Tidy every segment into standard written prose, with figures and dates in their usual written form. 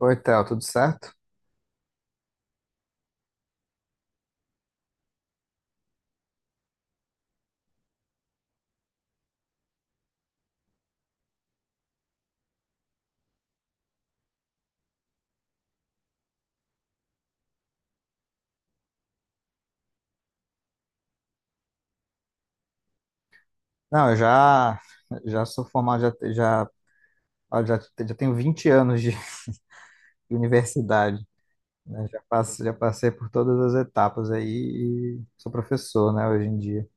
Oi, Theo, tudo certo? Não, eu já sou formado. Já, já, ah, já, já tenho 20 anos de universidade, né? Já passei por todas as etapas aí e sou professor, né, hoje em dia.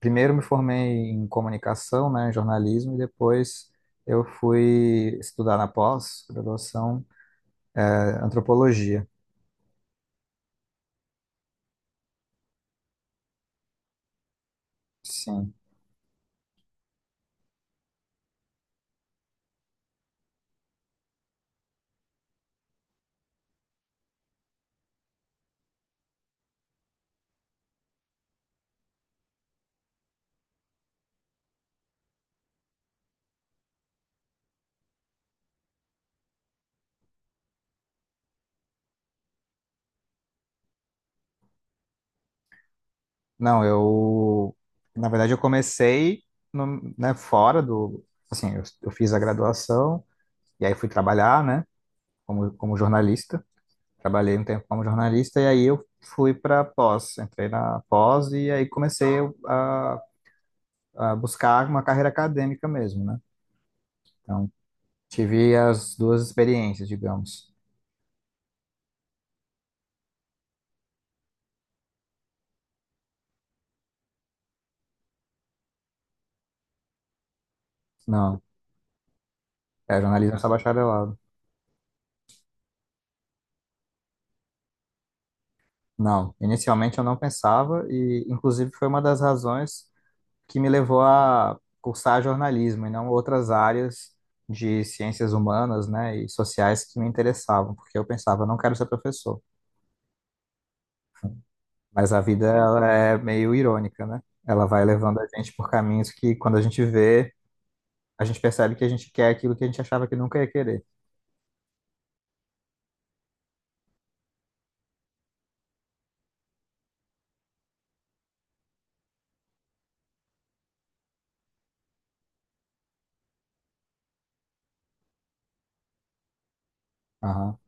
Primeiro me formei em comunicação, né, em jornalismo, e depois eu fui estudar na pós-graduação, antropologia. Sim. Não, eu, na verdade, eu comecei no, né, fora do, assim, eu fiz a graduação e aí fui trabalhar, né? Como jornalista. Trabalhei um tempo como jornalista e aí eu fui para pós, entrei na pós e aí comecei a, a buscar uma carreira acadêmica mesmo, né? Então, tive as duas experiências, digamos. Não, é jornalismo só bacharelado. Não, inicialmente eu não pensava e, inclusive, foi uma das razões que me levou a cursar jornalismo e não outras áreas de ciências humanas, né, e sociais que me interessavam, porque eu pensava, não quero ser professor. Mas a vida ela é meio irônica, né? Ela vai levando a gente por caminhos que, quando a gente vê, a gente percebe que a gente quer aquilo que a gente achava que nunca ia querer. Aham,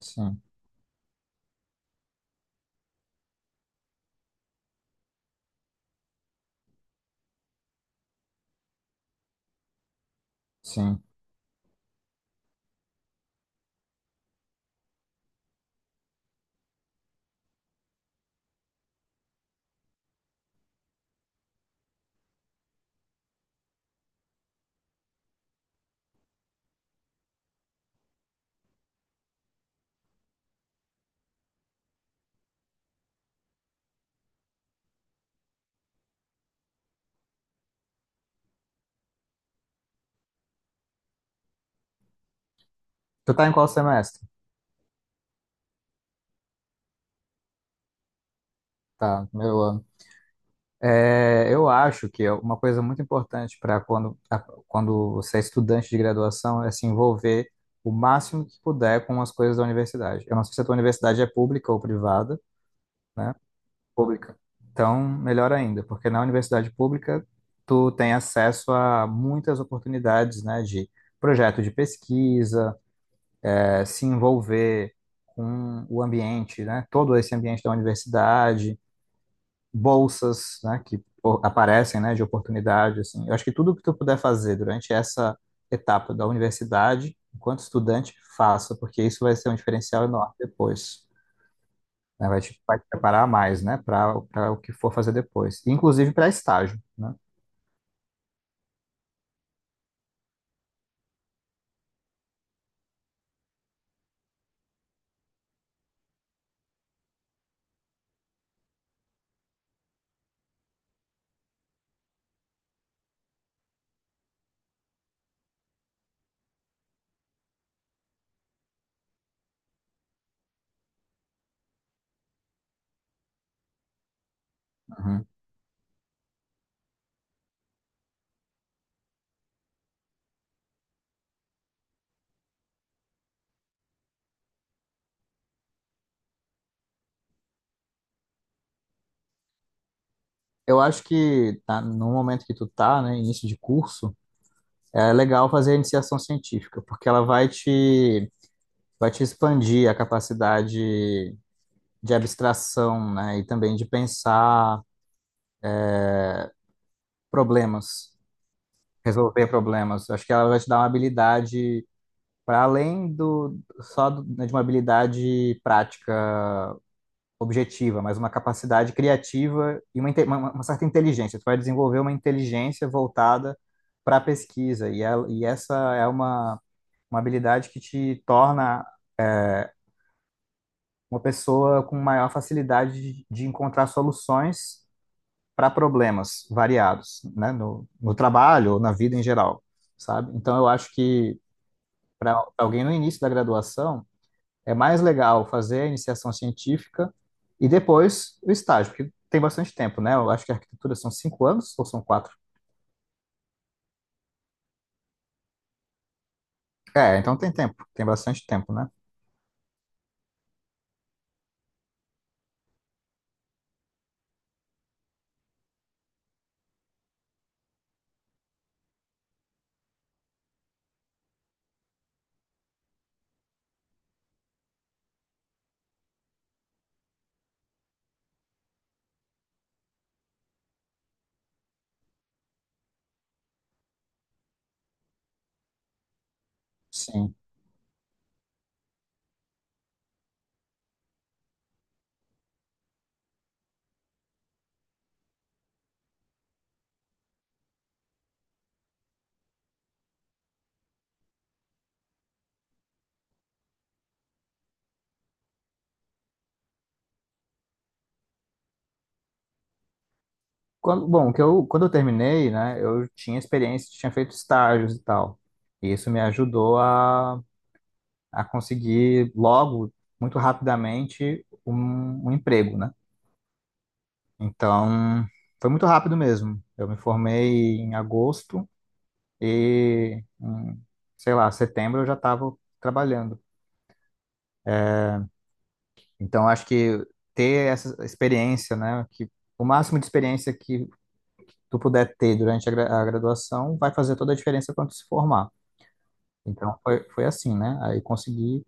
sim, sim. Tu tá em qual semestre? Tá, meu ano. É, eu acho que é uma coisa muito importante para quando você é estudante de graduação, é se envolver o máximo que puder com as coisas da universidade. Eu não sei se a tua universidade é pública ou privada, né? Pública. Então, melhor ainda, porque na universidade pública tu tem acesso a muitas oportunidades, né, de projeto de pesquisa, se envolver com o ambiente, né, todo esse ambiente da universidade, bolsas, né, que aparecem, né, de oportunidade, assim. Eu acho que tudo que tu puder fazer durante essa etapa da universidade, enquanto estudante, faça, porque isso vai ser um diferencial enorme depois, né? Vai te preparar mais, né? Para o que for fazer depois. Inclusive para estágio, né? Uhum. Eu acho que tá, no momento que tu tá, né, início de curso, é legal fazer a iniciação científica, porque ela vai te expandir a capacidade de abstração, né? E também de pensar problemas, resolver problemas. Acho que ela vai te dar uma habilidade para além do só né, de uma habilidade prática, objetiva, mas uma capacidade criativa e uma certa inteligência. Tu vai desenvolver uma inteligência voltada para a pesquisa, e, e essa é uma habilidade que te torna uma pessoa com maior facilidade de encontrar soluções para problemas variados, né? No trabalho ou na vida em geral, sabe? Então, eu acho que para alguém no início da graduação, é mais legal fazer a iniciação científica e depois o estágio, porque tem bastante tempo, né? Eu acho que a arquitetura são 5 anos ou são 4? É, então tem tempo, tem bastante tempo, né? Sim. Quando eu terminei, né, eu tinha experiência, tinha feito estágios e tal. E isso me ajudou a conseguir logo, muito rapidamente, um emprego, né? Então, foi muito rápido mesmo. Eu me formei em agosto e, sei lá, setembro eu já estava trabalhando. Então, acho que ter essa experiência, né, que o máximo de experiência que tu puder ter durante a, a graduação vai fazer toda a diferença quando tu se formar. Então, foi, foi assim, né? Aí consegui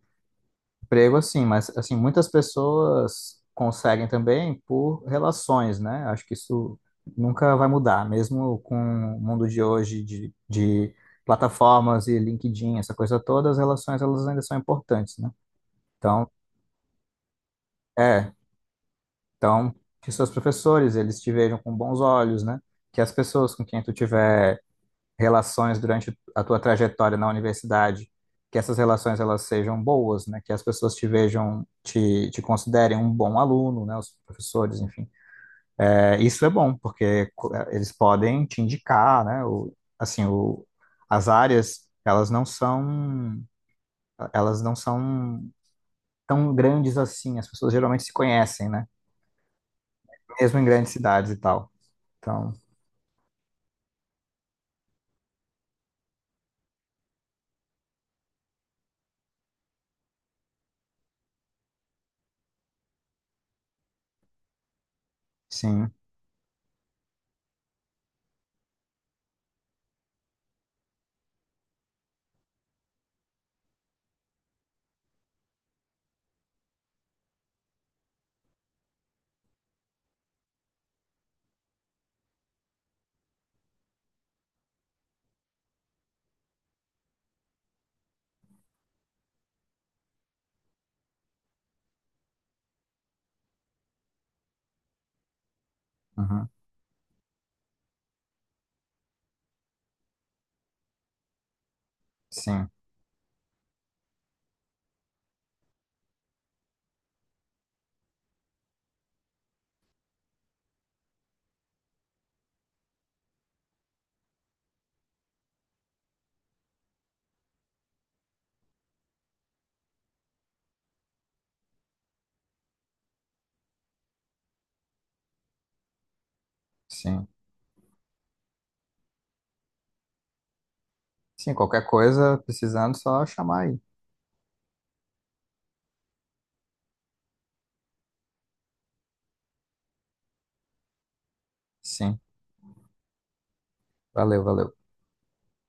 emprego, assim, mas assim, muitas pessoas conseguem também por relações, né? Acho que isso nunca vai mudar, mesmo com o mundo de hoje de plataformas e LinkedIn, essa coisa toda, as relações elas ainda são importantes, né? Então, é, então, que seus professores eles te vejam com bons olhos, né? Que as pessoas com quem tu tiver relações durante a tua trajetória na universidade, que essas relações elas sejam boas, né? Que as pessoas te vejam, te considerem um bom aluno, né? Os professores, enfim. É, isso é bom, porque eles podem te indicar, né? Assim, o, as áreas, elas não são tão grandes assim. As pessoas geralmente se conhecem, né? Mesmo em grandes cidades e tal. Então, sim, uhum, sim, sim. Sim, qualquer coisa, precisando, só chamar aí. Sim. Valeu, valeu.